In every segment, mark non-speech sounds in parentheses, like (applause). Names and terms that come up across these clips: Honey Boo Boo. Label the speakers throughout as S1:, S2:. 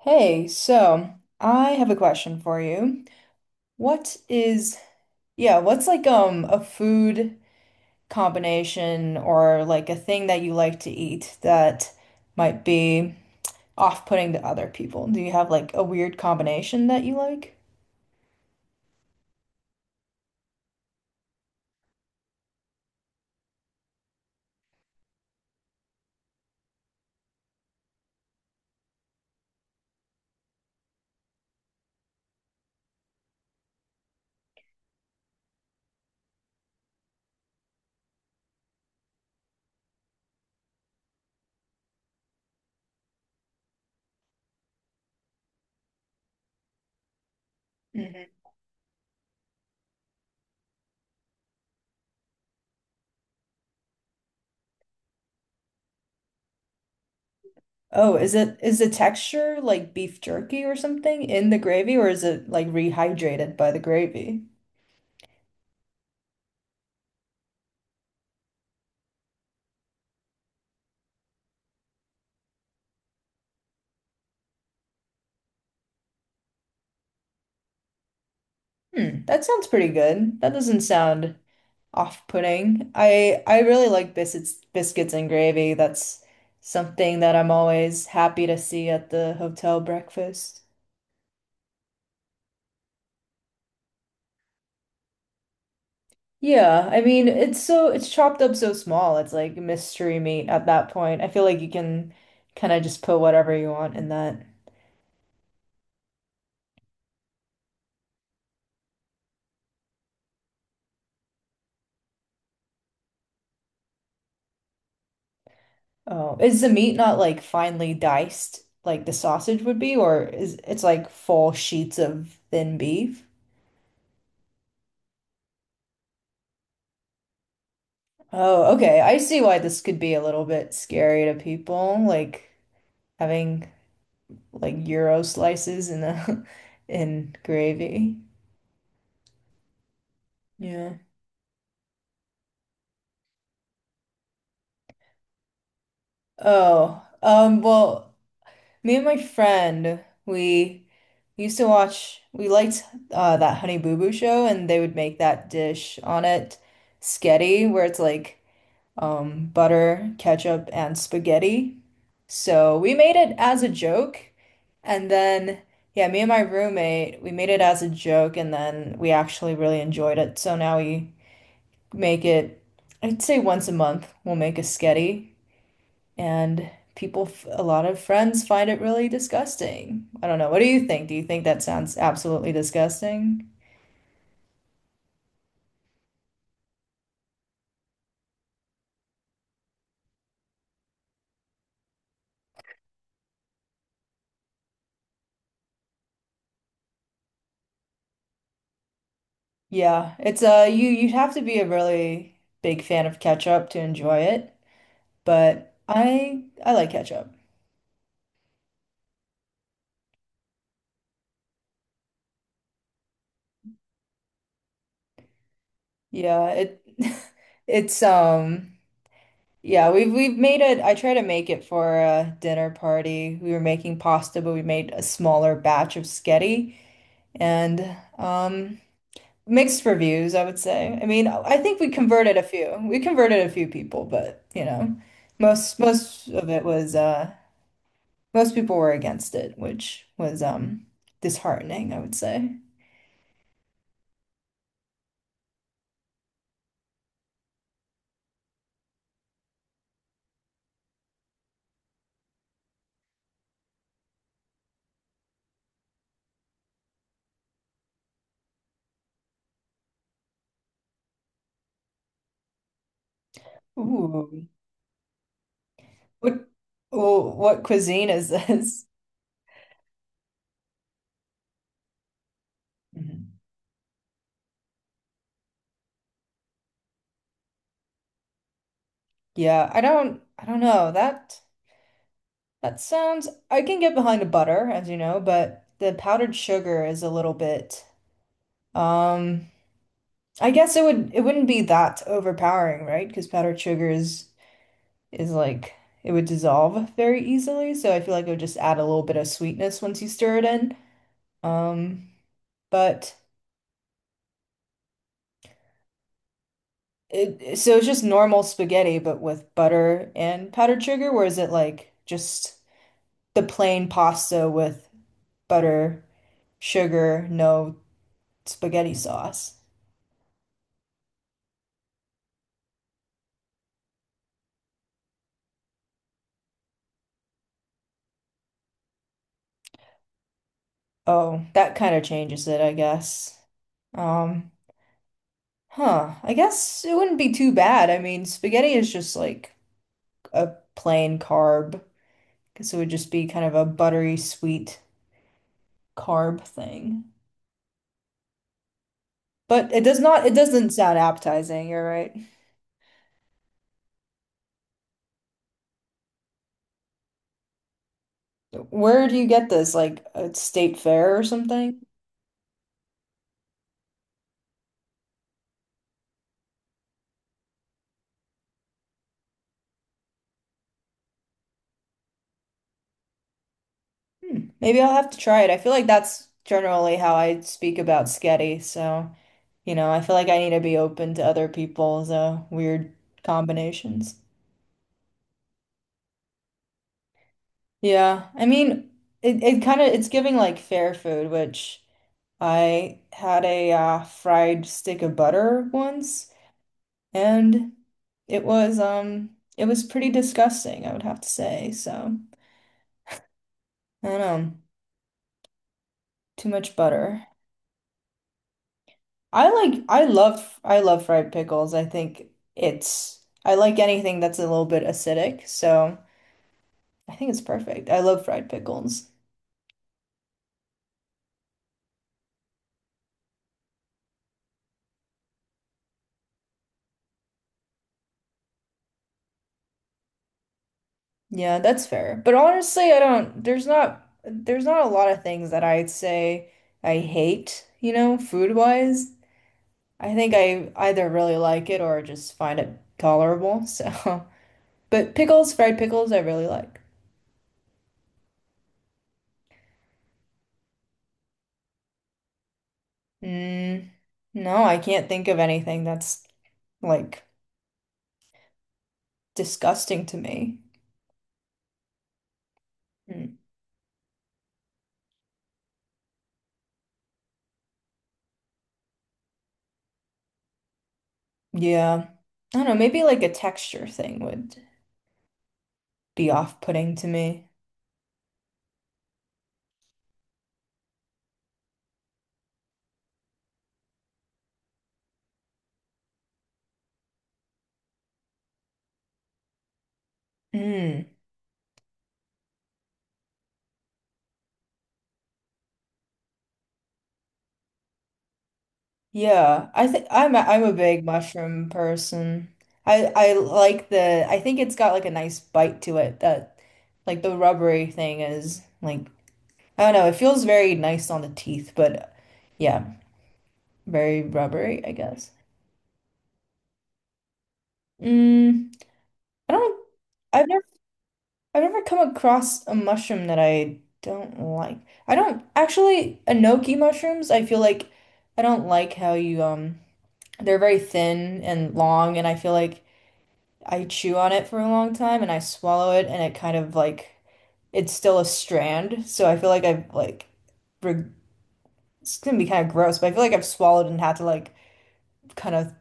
S1: Hey, so I have a question for you. What is, yeah, what's like a food combination or like a thing that you like to eat that might be off-putting to other people? Do you have like a weird combination that you like? Mhm. Oh, is the texture like beef jerky or something in the gravy, or is it like rehydrated by the gravy? Hmm, that sounds pretty good. That doesn't sound off-putting. I really like biscuits and gravy. That's something that I'm always happy to see at the hotel breakfast. Yeah, I mean it's chopped up so small. It's like mystery meat at that point. I feel like you can kind of just put whatever you want in that. Oh, is the meat not like finely diced like the sausage would be, or is it's like full sheets of thin beef? Oh, okay. I see why this could be a little bit scary to people, like having like gyro slices in a (laughs) in gravy. Yeah. Oh, well, me and my friend, we used to watch, we liked that Honey Boo Boo show, and they would make that dish on it, sketty, where it's like butter, ketchup, and spaghetti. So we made it as a joke and then yeah, me and my roommate, we made it as a joke and then we actually really enjoyed it. So now we make it, I'd say once a month, we'll make a sketty, and people, a lot of friends find it really disgusting. I don't know. What do you think? Do you think that sounds absolutely disgusting? Yeah, it's you you'd have to be a really big fan of ketchup to enjoy it, but I like ketchup. Yeah, it (laughs) it's yeah, we've made it. I try to make it for a dinner party. We were making pasta, but we made a smaller batch of sketty, and mixed reviews, I would say. I mean, I think we converted a few. We converted a few people, but you know, most of it was most people were against it, which was disheartening, I would say. Ooh, what oh, what cuisine is this? Mhm. Yeah, I don't know. That sounds I can get behind a butter, as you know, but the powdered sugar is a little bit um I guess it would it wouldn't be that overpowering, right? Because powdered sugar is like it would dissolve very easily, so I feel like it would just add a little bit of sweetness once you stir it in. Um, but it so it's just normal spaghetti, but with butter and powdered sugar, or is it like just the plain pasta with butter, sugar, no spaghetti sauce? Oh, that kind of changes it, I guess. Um, Huh. I guess it wouldn't be too bad. I mean, spaghetti is just like a plain carb. Guess it would just be kind of a buttery sweet carb thing. But it does not, it doesn't sound appetizing, you're right. Where do you get this? Like a state fair or something? Hmm. Maybe I'll have to try it. I feel like that's generally how I speak about sketty, so you know, I feel like I need to be open to other people's weird combinations. Yeah, I mean, it kind of it's giving like fair food, which I had a fried stick of butter once, and it was um it was pretty disgusting, I would have to say. So I don't know, too much butter. I love fried pickles. I think it's I like anything that's a little bit acidic, so I think it's perfect. I love fried pickles. Yeah, that's fair. But honestly, I don't, there's not a lot of things that I'd say I hate, you know, food-wise. I think I either really like it or just find it tolerable. So, (laughs) but fried pickles, I really like. Mm, no, I can't think of anything that's like disgusting to me. Mm, yeah. I don't know, maybe like a texture thing would be off-putting to me. Mm. Yeah, I think I'm a big mushroom person. I like the I think it's got like a nice bite to it that like the rubbery thing is like I don't know, it feels very nice on the teeth, but yeah, very rubbery, I guess. Mm, I don't I've never I've never come across a mushroom that I don't like. I don't actually enoki mushrooms, I feel like I don't like how you they're very thin and long, and I feel like I chew on it for a long time and I swallow it and it kind of like it's still a strand. So I feel like I've like reg it's gonna be kind of gross, but I feel like I've swallowed and had to like kind of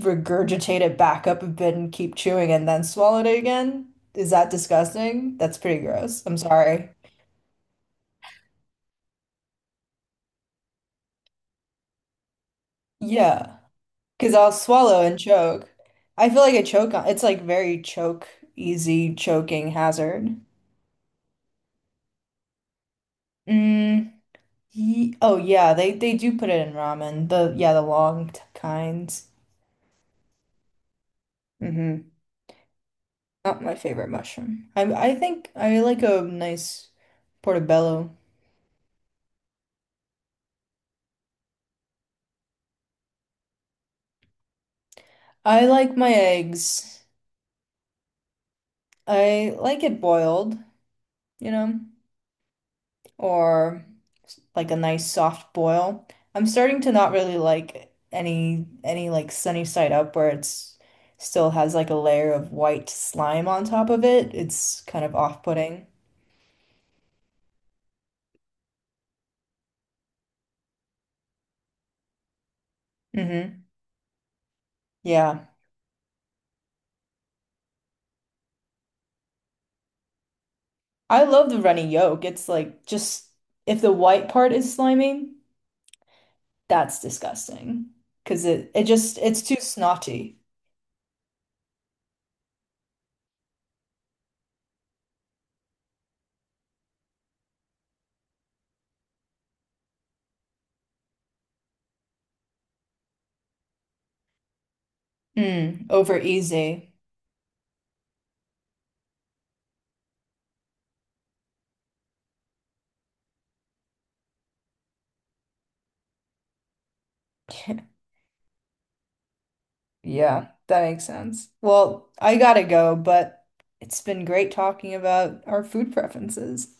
S1: regurgitate it back up a bit and keep chewing and then swallowed it again. Is that disgusting? That's pretty gross. I'm sorry. Yeah, because I'll swallow and choke. I feel like I choke on it's like very choke easy choking hazard. Mm, Ye oh yeah, they do put it in ramen. The Yeah, the long kinds. Hmm. Not my favorite mushroom. I think I like a nice portobello. I like my eggs. I like it boiled, you know, or like a nice soft boil. I'm starting to not really like any like sunny side up where it's still has like a layer of white slime on top of it. It's kind of off-putting. Hmm. Yeah. I love the runny yolk. It's like just if the white part is slimy, that's disgusting. Cause it just it's too snotty. Mm, over easy. (laughs) Yeah, that makes sense. Well, I gotta go, but it's been great talking about our food preferences.